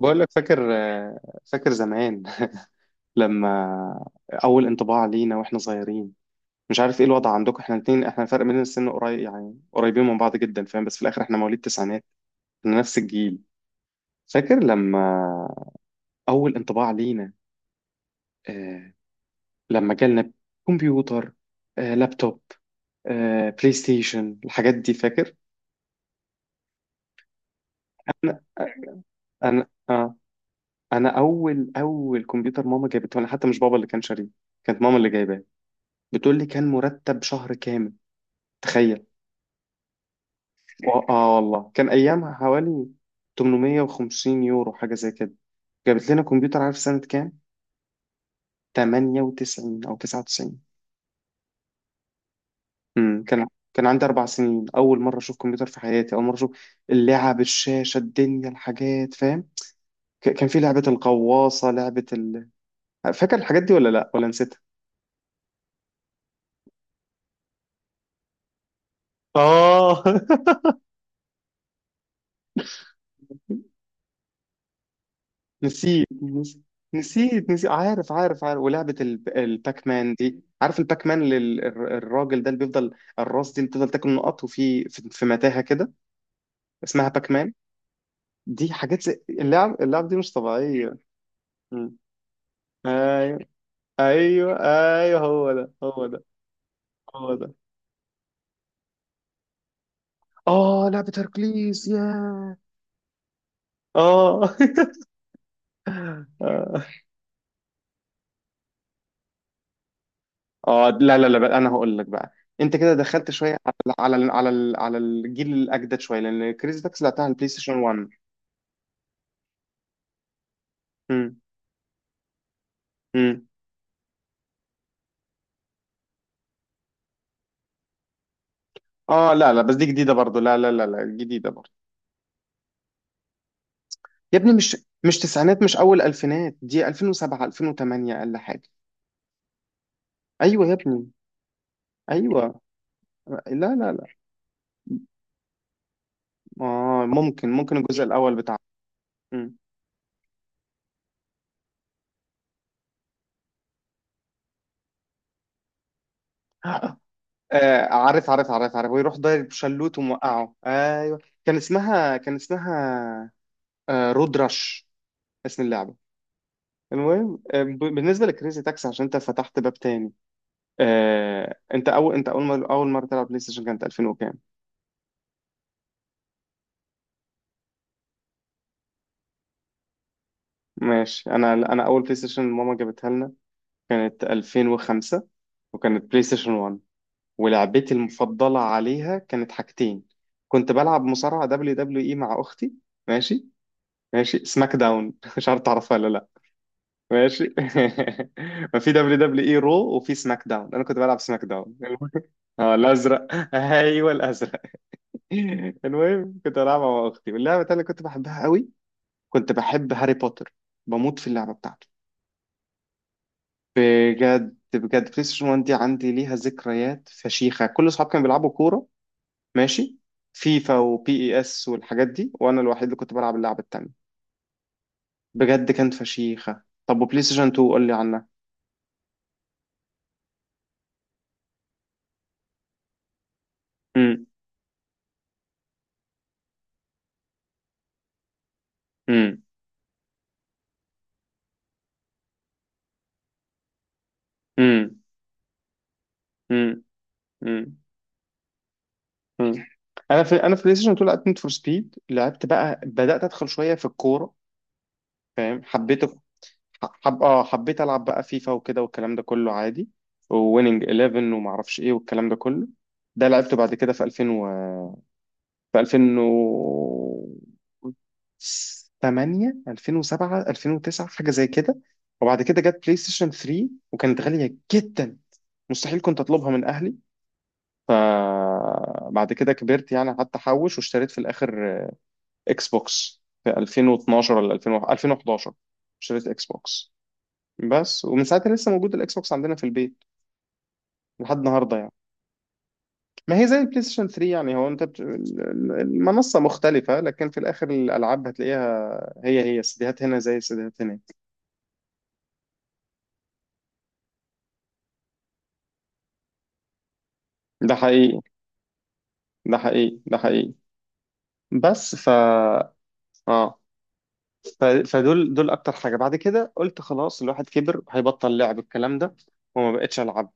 بقول لك فاكر زمان لما اول انطباع لينا واحنا صغيرين. مش عارف ايه الوضع عندكم، احنا الاثنين، احنا فرق بيننا السن قريب، يعني قريبين من بعض جدا فاهم، بس في الاخر احنا مواليد تسعينات، احنا نفس الجيل. فاكر لما اول انطباع لينا، آه لما جالنا كمبيوتر، لابتوب، بلاي ستيشن، الحاجات دي فاكر. انا انا آه انا اول كمبيوتر ماما جابته، انا حتى مش بابا اللي كان شاريه، كانت ماما اللي جايباه. بتقول لي كان مرتب شهر كامل، تخيل. والله كان ايامها حوالي 850 يورو حاجه زي كده. جابت لنا كمبيوتر، عارف سنه كام؟ 98 او 99. امم كان كان عندي اربع سنين، اول مره اشوف كمبيوتر في حياتي، اول مره اشوف اللعب، الشاشه، الدنيا، الحاجات فاهم. كان في لعبه الغواصه، لعبه فاكر الحاجات دي ولا لا، ولا نسيتها؟ اه نسيت نس- نسيت. عارف عارف عارف. ولعبة الباك مان دي، عارف الباك مان؟ الراجل ده اللي بيفضل، الراس دي اللي بتفضل تاكل نقط، وفي في في متاهة كده، اسمها باك مان. دي حاجات، زي اللعب دي مش طبيعية. مم. ايوه، ايوه، ايوه، هو ده، هو ده، هو ده. اه، لعبة هركليس يا، اه اه، لا لا لا بقى، انا هقول لك بقى. انت كده دخلت شويه على على الجيل الاجدد شويه، لان كريزي تاكسي لعبتها على البلاي ستيشن 1. امم، امم. اه لا لا، بس دي جديده برضو، لا لا لا لا، جديده برضو. يا ابني، مش تسعينات، مش اول الفينات، دي 2007 2008 اقل حاجه. ايوه يا ابني، ايوه. لا لا لا، اه ممكن الجزء الاول بتاع. امم آه، عارف عارف عارف عارف، ويروح ضارب شلوت وموقعه، ايوه. كان اسمها رود رش، اسم اللعبة. المهم، بالنسبة لكريزي تاكسي، عشان انت فتحت باب تاني. انت اول، انت اول مرة اول مرة تلعب بلاي ستيشن كانت 2000 وكام؟ ماشي، انا اول بلاي ستيشن ماما جابتها لنا كانت 2005، وكانت بلاي ستيشن 1. ولعبتي المفضلة عليها كانت حاجتين. كنت بلعب مصارعة دبليو دبليو اي مع اختي، ماشي؟ ماشي، سماك داون مش عارف تعرفها ولا لا. ماشي ما في دبليو دبليو اي رو، وفي سماك داون، انا كنت بلعب سماك داون اه الازرق، ايوه الازرق المهم، كنت بلعبها مع اختي. واللعبه التانيه اللي كنت بحبها قوي، كنت بحب هاري بوتر، بموت في اللعبه بتاعته. بجد بجد، بلاي ستيشن 1 دي عندي ليها ذكريات فشيخه. كل اصحابي كانوا بيلعبوا كوره، ماشي؟ فيفا وبي اي اس والحاجات دي، وانا الوحيد اللي كنت بلعب اللعبه التانيه. بجد كانت فشيخه. طب وبلاي ستيشن 2، قول لي عنها. امم امم امم مم. مم. انا في بلاي ستيشن 2 لعبت نيد فور سبيد. لعبت بقى، بدات ادخل شويه في الكوره فاهم، حبيت، حب اه حبيت العب بقى فيفا وكده والكلام ده كله عادي. وويننج 11 وما اعرفش ايه والكلام ده كله، ده لعبته بعد كده في 2008، 2007، 2009، حاجه زي كده. وبعد كده جت بلاي ستيشن 3، وكانت غاليه جدا، مستحيل كنت اطلبها من اهلي. بعد كده كبرت يعني، قعدت احوش، واشتريت في الاخر اكس بوكس في 2012 ولا 2000 2011، اشتريت اكس بوكس بس. ومن ساعتها لسه موجود الاكس بوكس عندنا في البيت لحد النهارده يعني. ما هي زي البلاي ستيشن 3 يعني، هو انت المنصه مختلفه، لكن في الاخر الالعاب هتلاقيها، هي السيديهات هنا زي السيديهات هناك. ده حقيقي، ده حقيقي، ده حقيقي، بس. اه فدول دول اكتر حاجه. بعد كده قلت خلاص، الواحد كبر، هيبطل لعب الكلام ده. وما بقتش العب،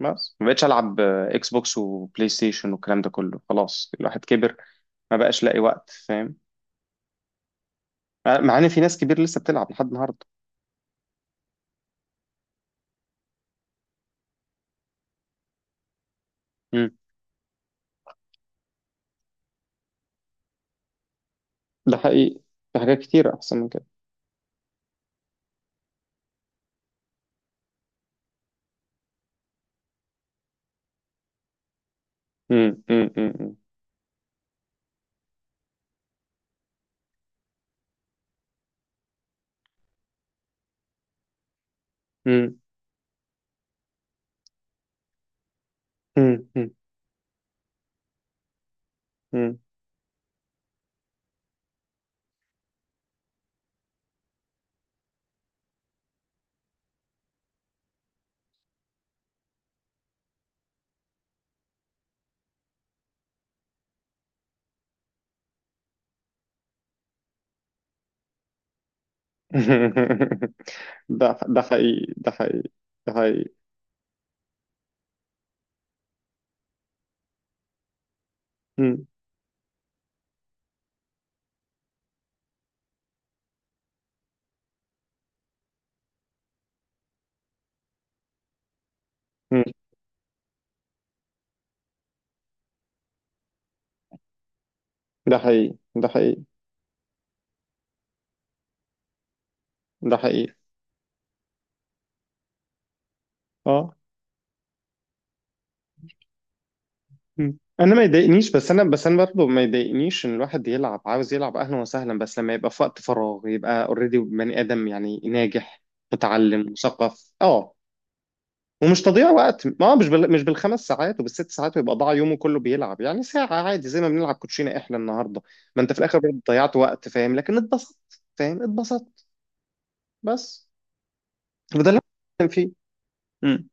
بس ما بقتش العب اكس بوكس وبلاي ستيشن والكلام ده كله، خلاص الواحد كبر، ما بقاش لاقي وقت فاهم، مع ان في ناس كبير لسه بتلعب لحد النهارده. امم ده حقيقي، في حاجات كتير احسن من كده. امم امم امم امم امم امم أمم. ده حقيقي، ده حقيقي، ده حقيقي. امم أمم. ده حقيقي، ده حقيقي، ده حقيقي. اه مم. انا ما يضايقنيش، بس انا، بس انا برضه ما يضايقنيش ان الواحد يلعب، عاوز يلعب اهلا وسهلا، بس لما يبقى في وقت فراغ، يبقى اوريدي بني ادم، يعني ناجح، متعلم، مثقف، ومش تضييع وقت. ما هو مش مش بالخمس ساعات وبالست ساعات ويبقى ضاع يومه كله بيلعب. يعني ساعة عادي زي ما بنلعب كوتشينة احنا النهارده، ما انت في الاخر برضه ضيعت وقت فاهم، لكن اتبسطت فاهم، اتبسطت بس. وده اللي أنا بتكلم فيه. مم.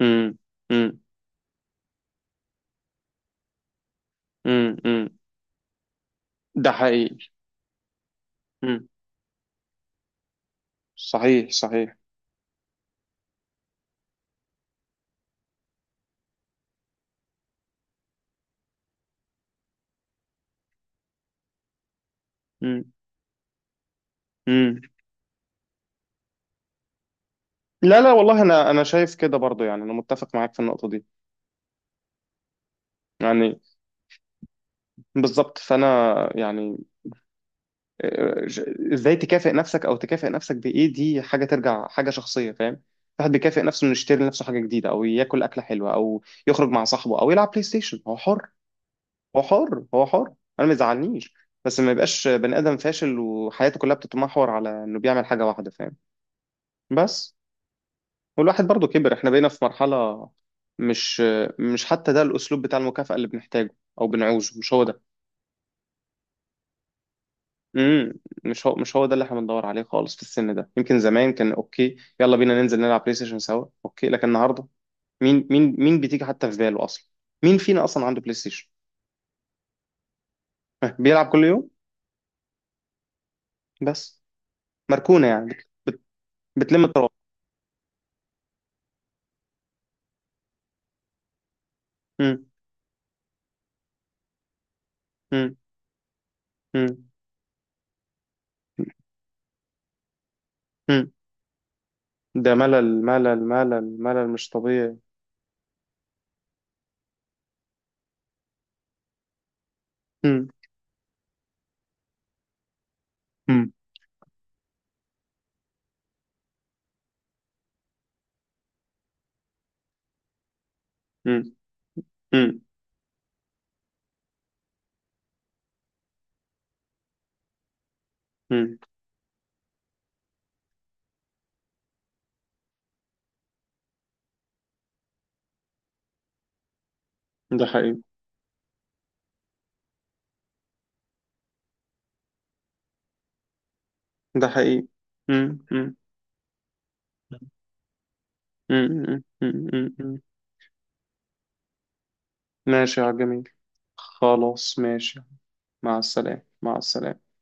مم. مم. مم. مم. ده حقيقي. مم. صحيح صحيح. مم. مم. لا لا والله، انا شايف كده برضو، يعني انا متفق معاك في النقطه دي، يعني بالظبط، فانا يعني ازاي تكافئ نفسك، او تكافئ نفسك بايه، دي حاجه ترجع حاجه شخصيه فاهم. الواحد بيكافئ نفسه انه يشتري لنفسه حاجه جديده، او ياكل اكله حلوه، او يخرج مع صاحبه، او يلعب بلاي ستيشن، هو حر، هو حر، هو حر، انا ما يزعلنيش. بس ما يبقاش بني ادم فاشل، وحياته كلها بتتمحور على انه بيعمل حاجه واحده فاهم. بس. والواحد برضه كبر، احنا بقينا في مرحلة، مش مش حتى ده الأسلوب بتاع المكافأة اللي بنحتاجه أو بنعوزه، مش هو ده. امم مش هو، ده اللي احنا بندور عليه خالص في السن ده. يمكن زمان كان أوكي، يلا بينا ننزل نلعب بلاي ستيشن سوا أوكي، لكن النهاردة مين بتيجي حتى في باله أصلا؟ مين فينا أصلا عنده بلاي ستيشن؟ ها، بيلعب كل يوم؟ بس مركونة يعني، بت بت بتلم التراب. امم امم امم امم ده ملل، ملل، ملل، ملل مش طبيعي. امم امم امم ده حقيقي، ده حقيقي. مم. مم. مم. مم. مم. مم. ماشي يا جميل، خلاص ماشي، مع السلامة، مع السلامة.